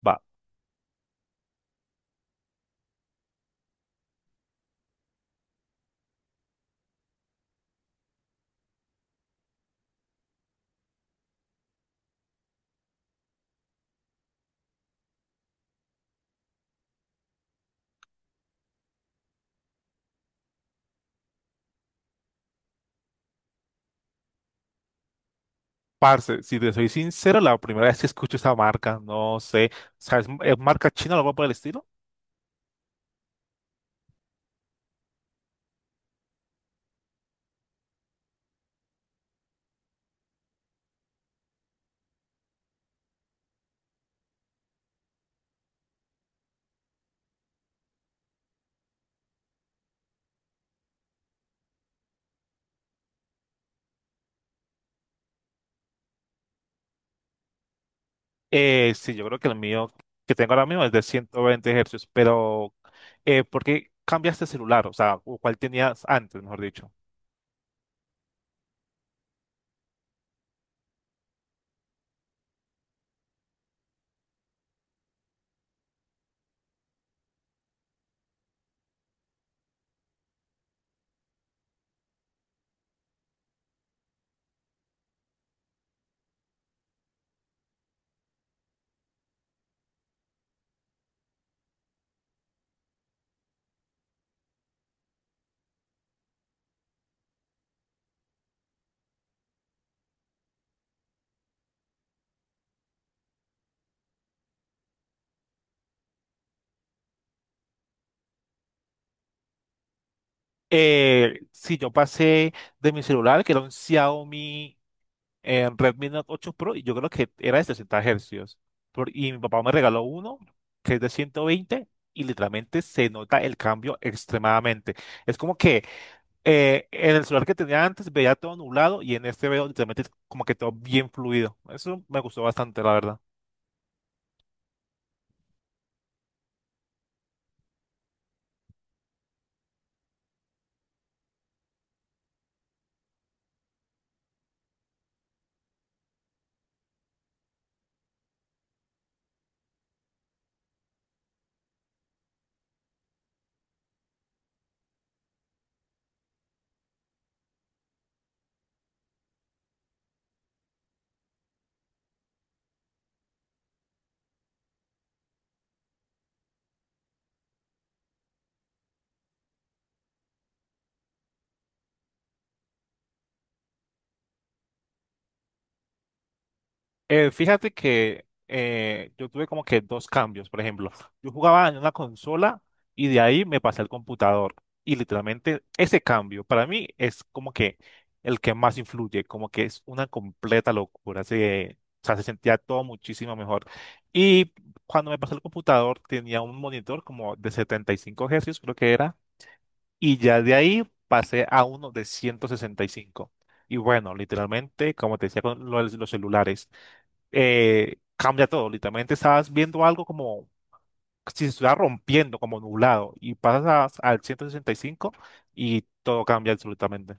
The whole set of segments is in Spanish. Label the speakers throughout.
Speaker 1: Va, parce, si te soy sincero, la primera vez que escucho esa marca, no sé, ¿sabes? ¿Es marca china o algo por el estilo? Sí, yo creo que el mío que tengo ahora mismo es de 120 Hz, pero ¿por qué cambiaste de celular? O sea, ¿o ¿cuál tenías antes, mejor dicho? Sí, yo pasé de mi celular, que era un Xiaomi en Redmi Note 8 Pro, y yo creo que era de 60 hercios. Y mi papá me regaló uno que es de 120, y literalmente se nota el cambio extremadamente. Es como que en el celular que tenía antes veía todo nublado y en este veo literalmente como que todo bien fluido. Eso me gustó bastante, la verdad. Fíjate que yo tuve como que dos cambios. Por ejemplo, yo jugaba en una consola y de ahí me pasé al computador. Y literalmente ese cambio para mí es como que el que más influye, como que es una completa locura. O sea, se sentía todo muchísimo mejor. Y cuando me pasé al computador tenía un monitor como de 75 Hz, creo que era. Y ya de ahí pasé a uno de 165. Y cinco. Y bueno, literalmente, como te decía con lo de los celulares, cambia todo. Literalmente estás viendo algo como si se estuviera rompiendo, como nublado, y pasas al 165 y cinco y todo cambia absolutamente.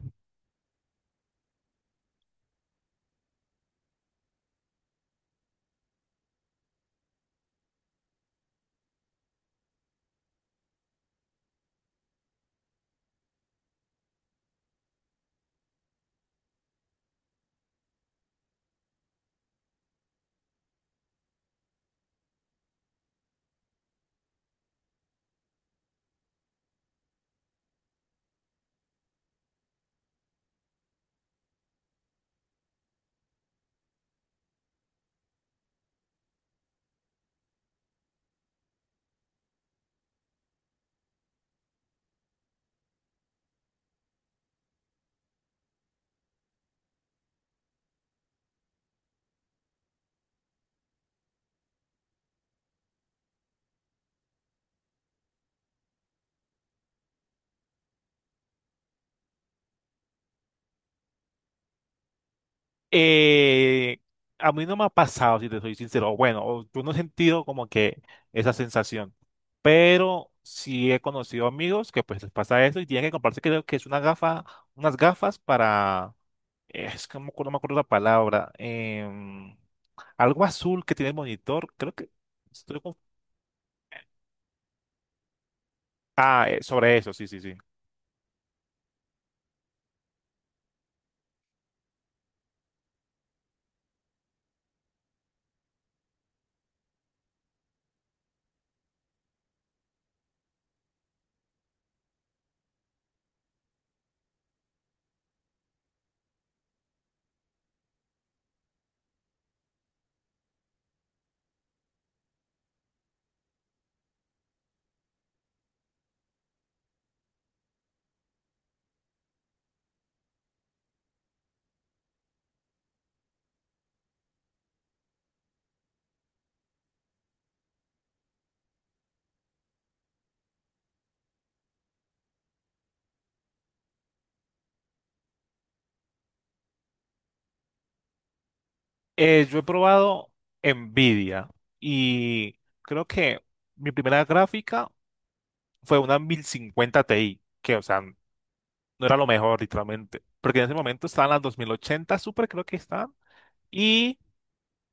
Speaker 1: Eh, a mí no me ha pasado, si te soy sincero. O bueno, o yo no he sentido como que esa sensación, pero sí he conocido amigos que pues les pasa eso y tienen que comprarse, creo que es una gafa, unas gafas para, es que no me acuerdo, no me acuerdo la palabra, algo azul que tiene el monitor, creo que estoy… Ah, sobre eso, sí, sí, sí. Yo he probado Nvidia y creo que mi primera gráfica fue una 1050 Ti, que, o sea, no era lo mejor, literalmente. Porque en ese momento estaban las 2080 Super, creo que estaban.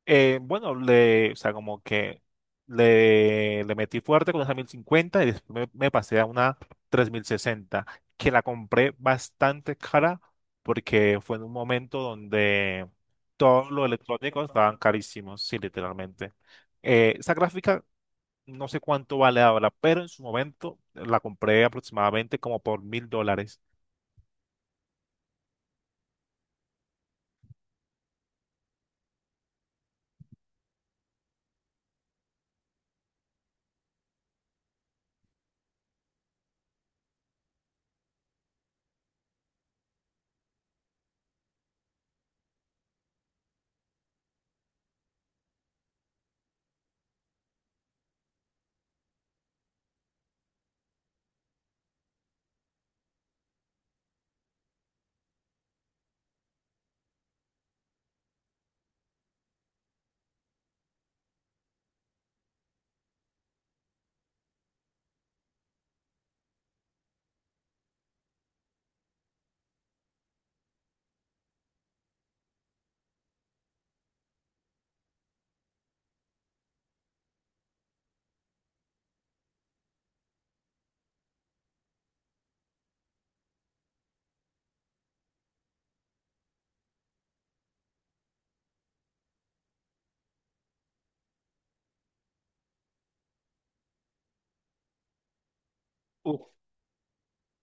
Speaker 1: Bueno, o sea, como que le metí fuerte con esa 1050 y después me pasé a una 3060, que la compré bastante cara porque fue en un momento donde todos los electrónicos estaban carísimos, sí, literalmente. Esa gráfica no sé cuánto vale ahora, pero en su momento la compré aproximadamente como por mil dólares.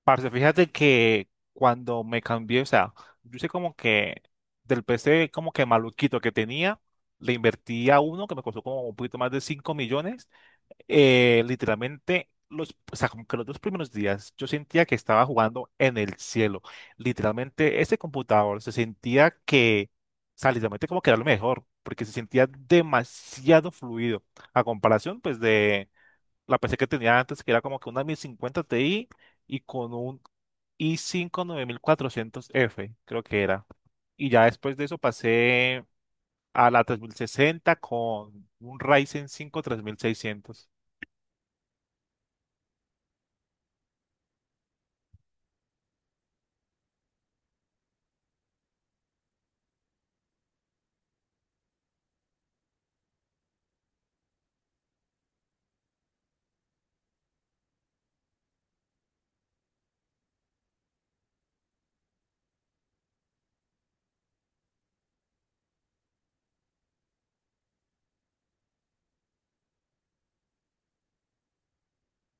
Speaker 1: Parce, fíjate que cuando me cambié, o sea, yo sé como que del PC como que maluquito que tenía, le invertí a uno que me costó como un poquito más de 5 millones. Eh, literalmente, o sea, como que los dos primeros días yo sentía que estaba jugando en el cielo. Literalmente, ese computador se sentía que, o sea, literalmente como que era lo mejor, porque se sentía demasiado fluido a comparación pues de la PC que tenía antes, que era como que una 1050 Ti y con un y cinco nueve mil cuatrocientos f creo que era. Y ya después de eso pasé a la 3060 con un Ryzen 5 3600.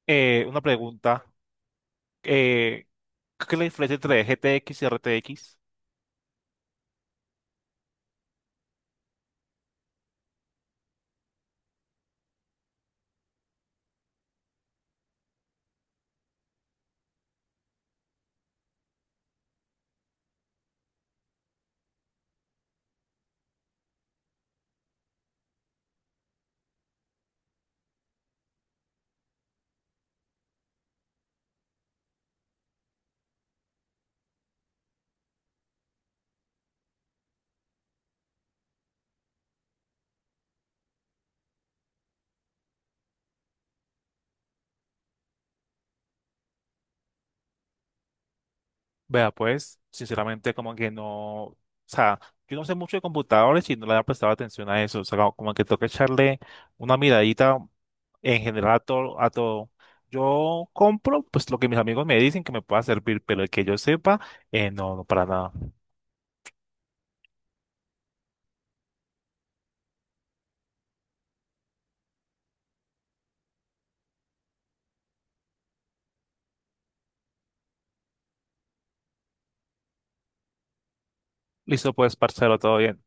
Speaker 1: Una pregunta, eh, ¿qué es la diferencia entre GTX y RTX? Vea, pues, sinceramente como que no, o sea, yo no sé mucho de computadores y no le había prestado atención a eso, o sea, como que toca echarle una miradita en general a todo, a todo. Yo compro pues lo que mis amigos me dicen que me pueda servir, pero el que yo sepa, no, no, para nada. Listo, pues, parcero, todo bien.